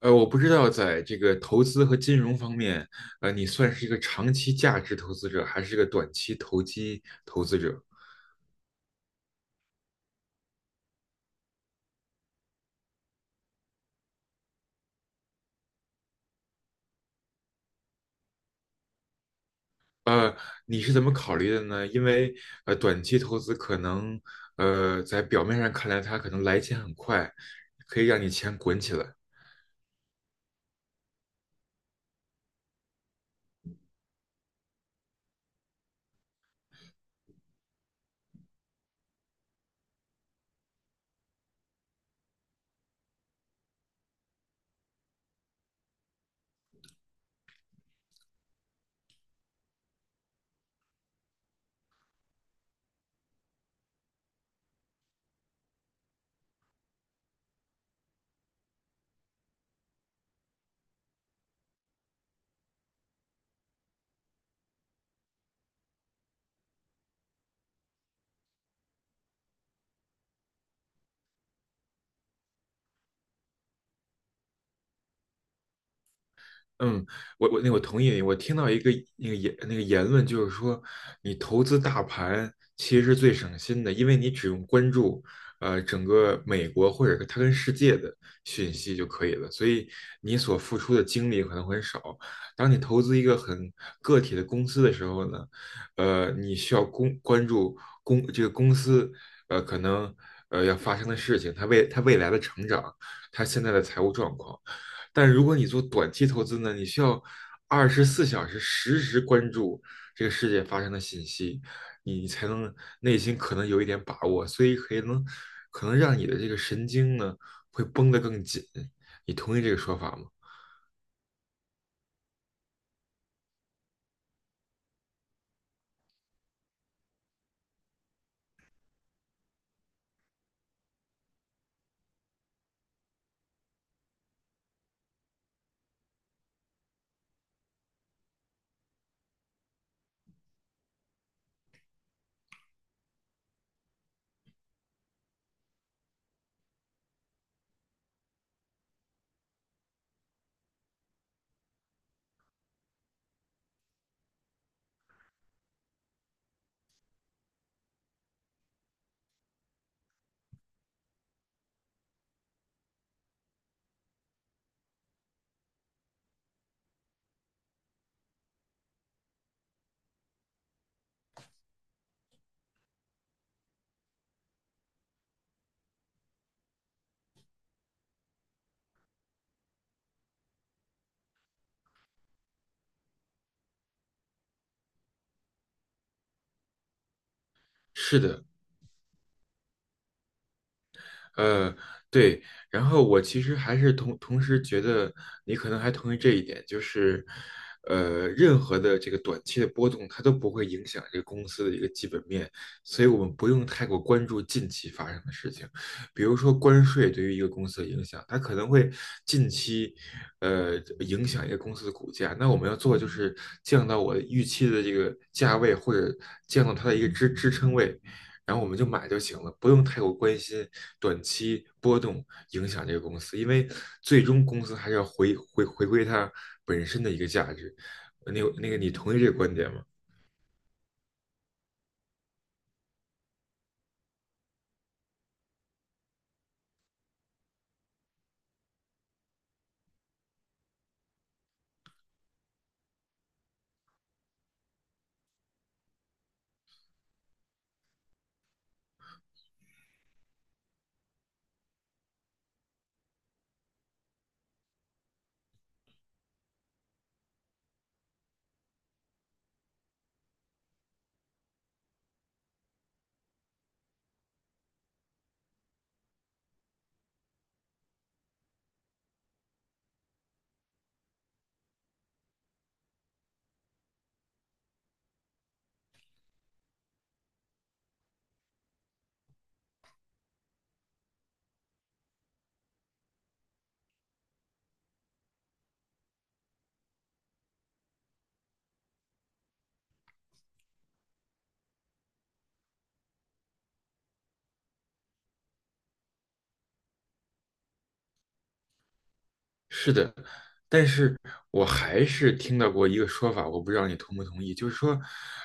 我不知道在这个投资和金融方面，你算是一个长期价值投资者，还是一个短期投机投资者？呃，你是怎么考虑的呢？因为短期投资可能，在表面上看来，它可能来钱很快，可以让你钱滚起来。嗯，那我同意你。我听到一个那个言论，就是说你投资大盘其实是最省心的，因为你只用关注整个美国或者它跟世界的讯息就可以了，所以你所付出的精力可能很少。当你投资一个很个体的公司的时候呢，你需要关注这个公司可能要发生的事情，它未它未来的成长，它现在的财务状况。但如果你做短期投资呢，你需要24小时实时关注这个世界发生的信息，你才能内心可能有一点把握，所以可能让你的这个神经呢会绷得更紧。你同意这个说法吗？是的。呃，对，然后我其实还是同时觉得你可能还同意这一点，就是，任何的这个短期的波动，它都不会影响这个公司的一个基本面，所以我们不用太过关注近期发生的事情，比如说关税对于一个公司的影响，它可能会近期，影响一个公司的股价，那我们要做的就是降到我预期的这个价位，或者降到它的一个支撑位。然后我们就买就行了，不用太过关心短期波动影响这个公司，因为最终公司还是要回归它本身的一个价值。那那个，你同意这个观点吗？是的，但是我还是听到过一个说法，我不知道你同不同意，就是说，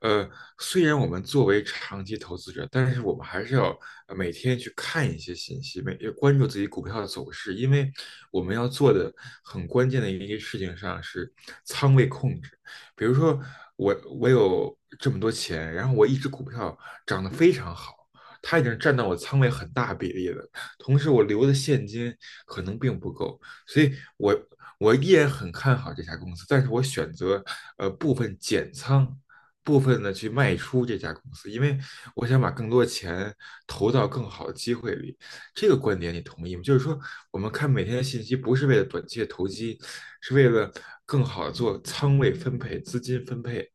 呃，虽然我们作为长期投资者，但是我们还是要每天去看一些信息，每要关注自己股票的走势，因为我们要做的很关键的一个事情上是仓位控制。比如说我有这么多钱，然后我一只股票涨得非常好。它已经占到我仓位很大比例了，同时我留的现金可能并不够，所以我依然很看好这家公司，但是我选择部分减仓，部分的去卖出这家公司，因为我想把更多钱投到更好的机会里。这个观点你同意吗？就是说，我们看每天的信息，不是为了短期的投机，是为了更好的做仓位分配、资金分配，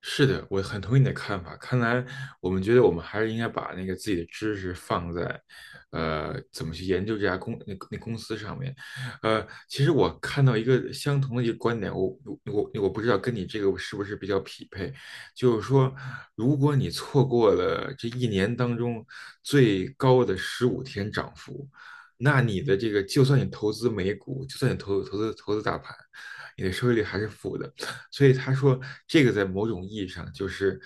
是的，我很同意你的看法。看来我们觉得我们还是应该把那个自己的知识放在，怎么去研究这家公那那公司上面。其实我看到一个相同的一个观点，我不知道跟你这个是不是比较匹配，就是说，如果你错过了这一年当中最高的十五天涨幅，那你的这个就算你投资美股，就算你投资大盘，你的收益率还是负的。所以他说，这个在某种意义上就是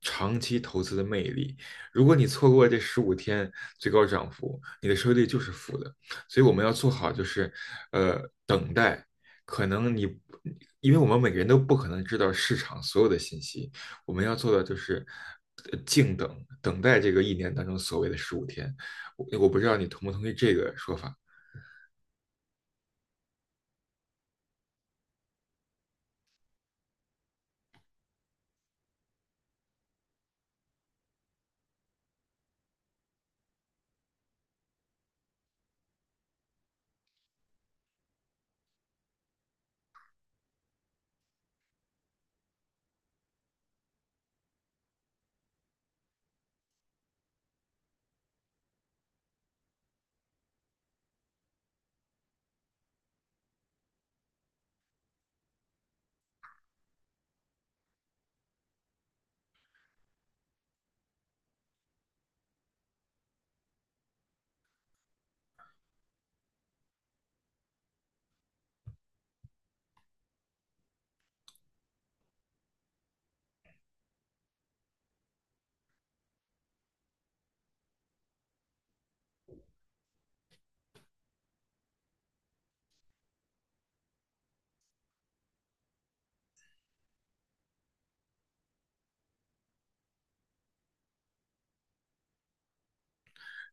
长期投资的魅力。如果你错过这十五天最高涨幅，你的收益率就是负的。所以我们要做好就是，呃，等待。可能你，因为我们每个人都不可能知道市场所有的信息，我们要做的就是静等，等待这个一年当中所谓的十五天。我不知道你同不同意这个说法。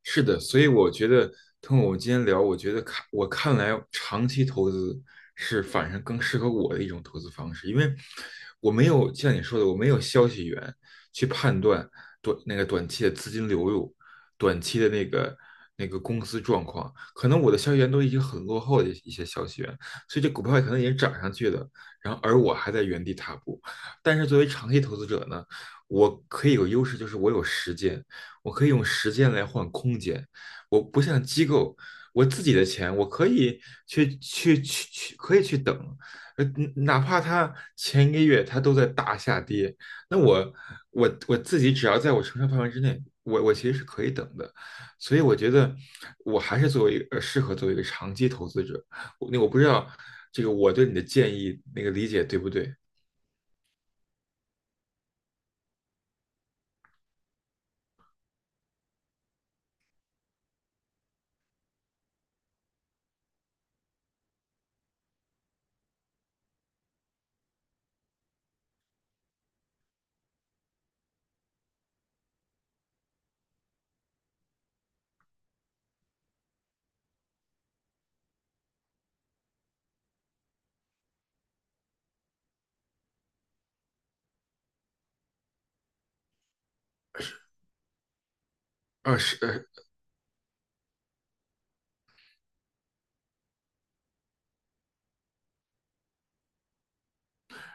是的，所以我觉得通过我们今天聊，我觉得我看来，长期投资是反正更适合我的一种投资方式，因为我没有像你说的，我没有消息源去判断短那个短期的资金流入，短期的那个公司状况，可能我的消息源都已经很落后的一些消息源，所以这股票可能已经涨上去的，然后而我还在原地踏步。但是作为长期投资者呢，我可以有优势，就是我有时间。我可以用时间来换空间。我不像机构，我自己的钱我可以去去去去，可以去等，呃，哪怕它前一个月它都在大下跌，那我自己只要在我承受范围之内，我其实是可以等的。所以我觉得我还是作为一个呃适合作为一个长期投资者。那我不知道这个我对你的建议理解对不对？啊，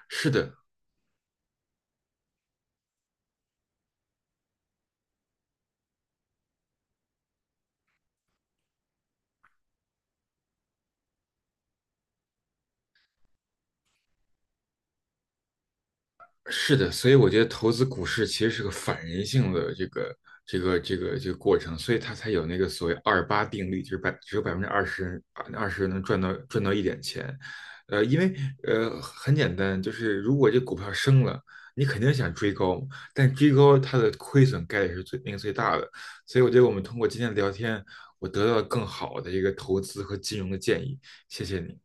是的，是的，所以我觉得投资股市其实是个反人性的这个过程，所以它才有那个所谓二八定律，就是只有20%能赚到一点钱，因为很简单，就是如果这股票升了，你肯定想追高，但追高它的亏损概率是最那个最大的，所以我觉得我们通过今天的聊天，我得到了更好的一个投资和金融的建议，谢谢你。